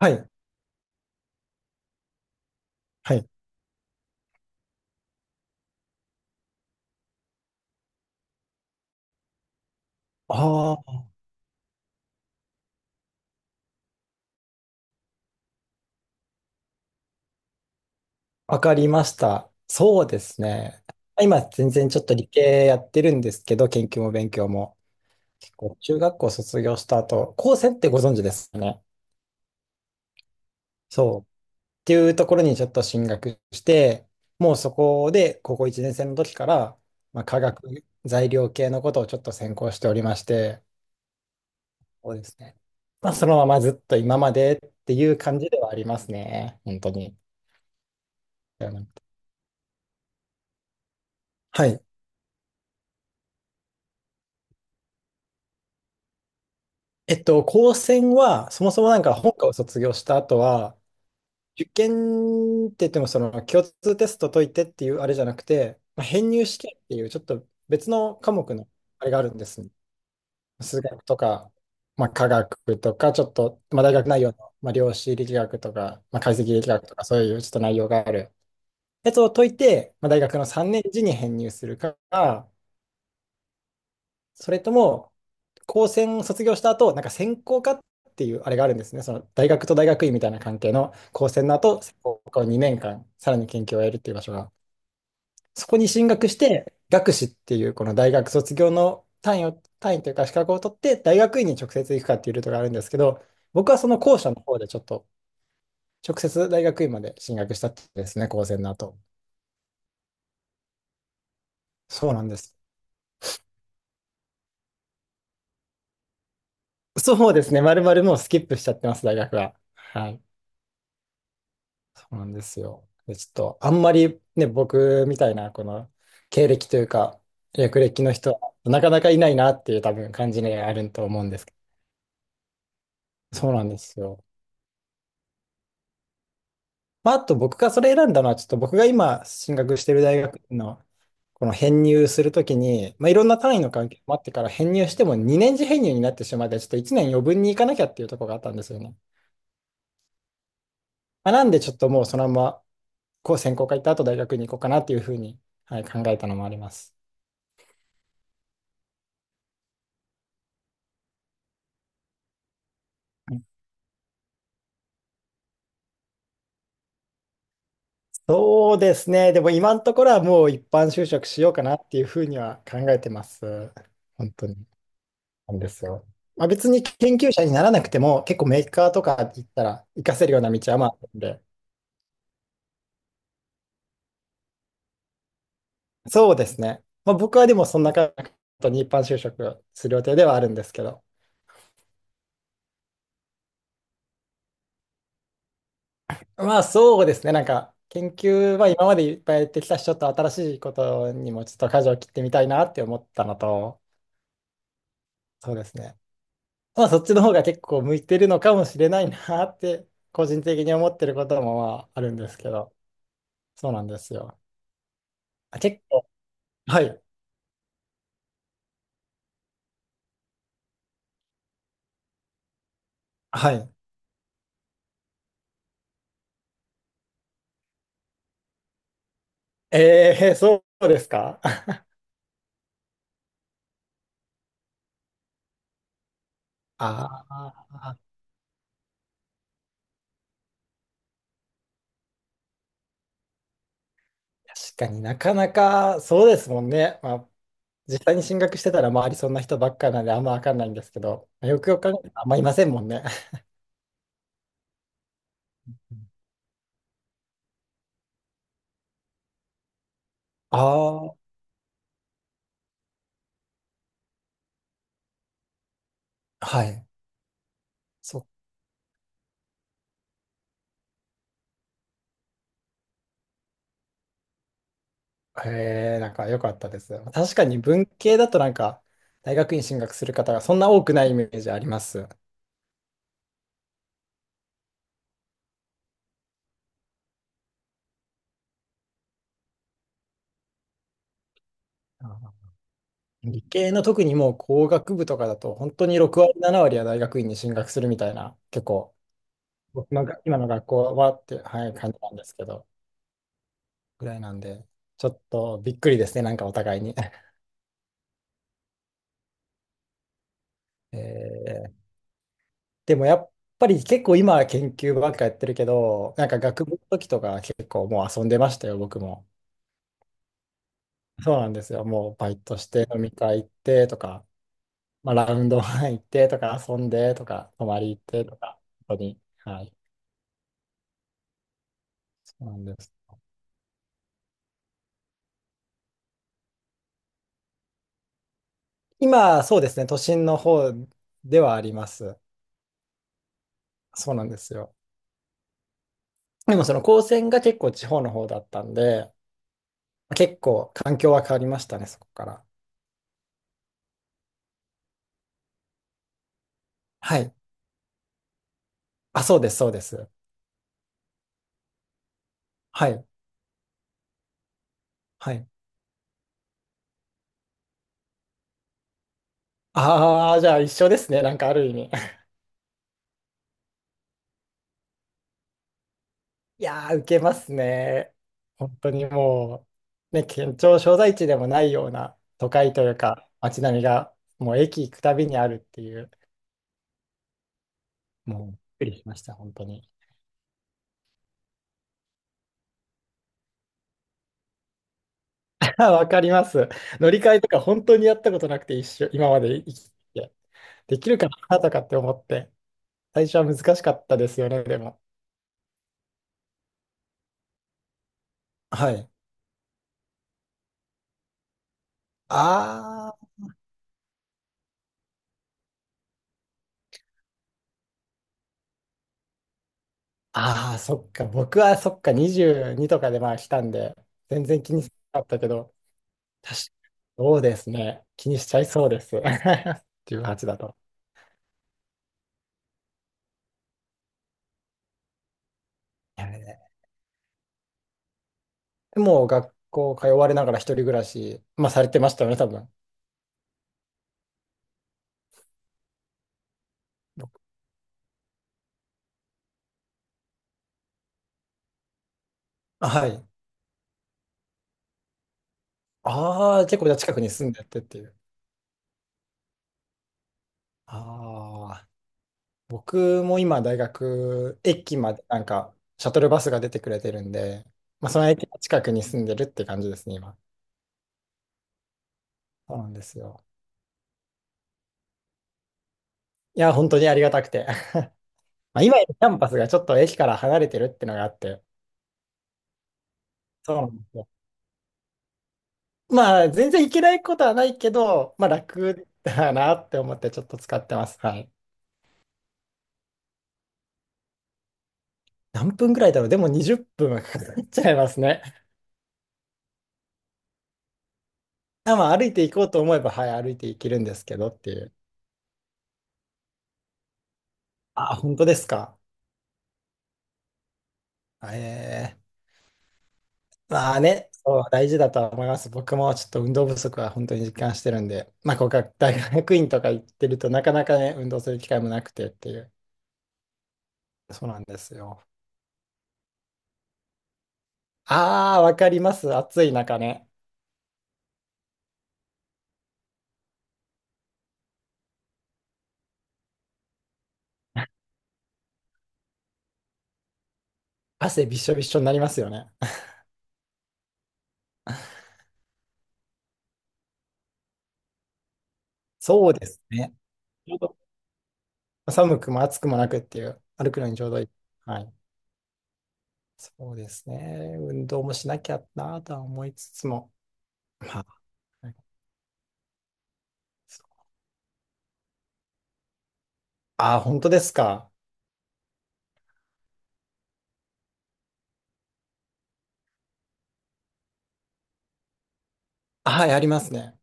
はい、はい。ああ、わかりました。そうですね。今、全然ちょっと理系やってるんですけど、研究も勉強も。結構、中学校卒業した後、高専ってご存知ですよね。そう。っていうところにちょっと進学して、もうそこで、高校1年生の時から、まあ、化学材料系のことをちょっと専攻しておりまして、そうですね。まあ、そのままずっと今までっていう感じではありますね。本当に。はい。高専は、そもそもなんか本科を卒業した後は、受験って言っても、その共通テスト解いてっていうあれじゃなくて、まあ、編入試験っていうちょっと別の科目のあれがあるんですね。数学とか、まあ、科学とか、ちょっと、まあ、大学内容の、まあ、量子力学とか、まあ、解析力学とか、そういうちょっと内容があるやつを解いて、まあ、大学の3年次に編入するか、それとも、高専卒業した後、なんか専攻科っていうあれがあるんですね。その大学と大学院みたいな関係の高専の後、専攻科を2年間、さらに研究をやるっていう場所が、そこに進学して、学士っていうこの大学卒業の単位を、単位というか資格を取って、大学院に直接行くかっていうルートがあるんですけど、僕はその後者の方でちょっと直接大学院まで進学したってですね、高専の後。そうなんです。そうですね、まるまるもうスキップしちゃってます、大学は。はい。そうなんですよ。で、ちょっと、あんまりね、僕みたいな、この経歴というか、略歴の人は、なかなかいないなっていう多分感じがあると思うんですけど、そうなんですよ。まあ、あと僕がそれ選んだのは、ちょっと僕が今進学してる大学の、この編入するときに、まあ、いろんな単位の関係もあってから編入しても2年次編入になってしまって、ちょっと1年余分に行かなきゃっていうところがあったんですよね。まあ、なんでちょっともうそのまま、こう専攻科行った後大学に行こうかなっていうふうに、はい、考えたのもあります。そうですね。でも今のところはもう一般就職しようかなっていうふうには考えてます。本当に。なんですよ。まあ、別に研究者にならなくても結構メーカーとか行ったら活かせるような道はまああるんで。そうですね。まあ、僕はでもそんな感じに一般就職する予定ではあるんですけど。まあそうですね。なんか研究は今までいっぱいやってきたし、ちょっと新しいことにもちょっと舵を切ってみたいなって思ったのと、そうですね。まあ、そっちの方が結構向いてるのかもしれないなって、個人的に思ってることもまああるんですけど、そうなんですよ。あ、結構、はい、はい。ええ、そうですか。 ああ、確かになかなかそうですもんね。まあ、実際に進学してたら周りそんな人ばっかなんであんまわかんないんですけど、よくよく考えたらあんまいませんもんね。ああ、はい。へえ、なんか良かったです。確かに文系だとなんか、大学院進学する方がそんな多くないイメージあります。あー、理系の特にもう工学部とかだと、本当に6割、7割は大学院に進学するみたいな、結構、僕のが今の学校はって、はい、感じなんですけど、ぐらいなんで、ちょっとびっくりですね、なんかお互いに。えーでもやっぱり結構今は研究ばっかやってるけど、なんか学部の時とか結構もう遊んでましたよ、僕も。そうなんですよ。もうバイトして飲み会行ってとか、まあ、ラウンドワン行ってとか、遊んでとか、泊まり行ってとか、本当に。はい。そうなんです。今、そうですね。都心の方ではあります。そうなんですよ。でもその高専が結構地方の方だったんで、結構環境は変わりましたね、そこから。はい。あ、そうです、そうです。はい。はい。ああ、じゃあ一緒ですね。なんかある意味。いやー、受けますね。本当にもう、ね、県庁所在地でもないような都会というか、街並みが、もう駅行くたびにあるっていう、もう、びっくりしました、本当に。わかります。乗り換えとか本当にやったことなくて、一緒、今まで生きてきて、できるかなとかって思って、最初は難しかったですよね、でも。はい。あー、あー、そっか、僕はそっか、22とかでまあ来たんで、全然気にしなかったけど、確かそうですね。気にしちゃいそうです。18だと。いやね、でも、学校通われながら一人暮らし、まあ、されてましたよね、多分。あ、はい。ああ、結構じゃあ近くに住んでてっていう。ああ、僕も今、大学、駅まで、なんか、シャトルバスが出てくれてるんで、まあ、その駅の近くに住んでるって感じですね、今。そうなんですよ。いや、本当にありがたくて。まあ、今、キャンパスがちょっと駅から離れてるってのがあって、そうなんですよ。まあ、全然いけないことはないけど、まあ楽だなって思ってちょっと使ってます。はい。何分ぐらいだろう。でも20分はかかっちゃいますね。あ、まあ歩いていこうと思えば、はい、歩いていけるんですけどっていう。あ、本当ですか。ええ、まあね、そう、大事だとは思います。僕もちょっと運動不足は本当に実感してるんで、まあ、こうか、大学院とか行ってるとなかなかね、運動する機会もなくてっていう。そうなんですよ。ああ、わかります。暑い中ね。汗びっしょびっしょになりますよね。そうですね。ちょうど寒くも暑くもなくっていう、歩くのにちょうどいい。はい。そうですね。運動もしなきゃなとは思いつつも。まあ、あー、本当ですか。はい、ありますね。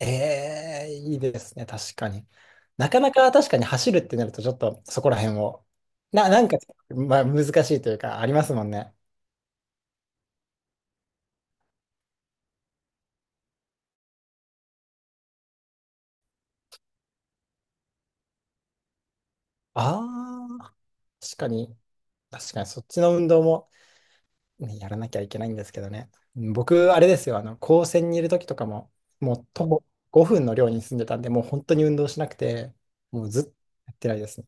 ええ、いいですね。確かに。なかなか確かに走るってなると、ちょっとそこら辺を。なんか、まあ、難しいというか、ありますもんね。ああ、確かに。確かに、そっちの運動もね、やらなきゃいけないんですけどね。僕、あれですよ、あの、高専にいる時とかも、もう徒歩5分の寮に住んでたんで、もう本当に運動しなくて、もうずっとやってないですね。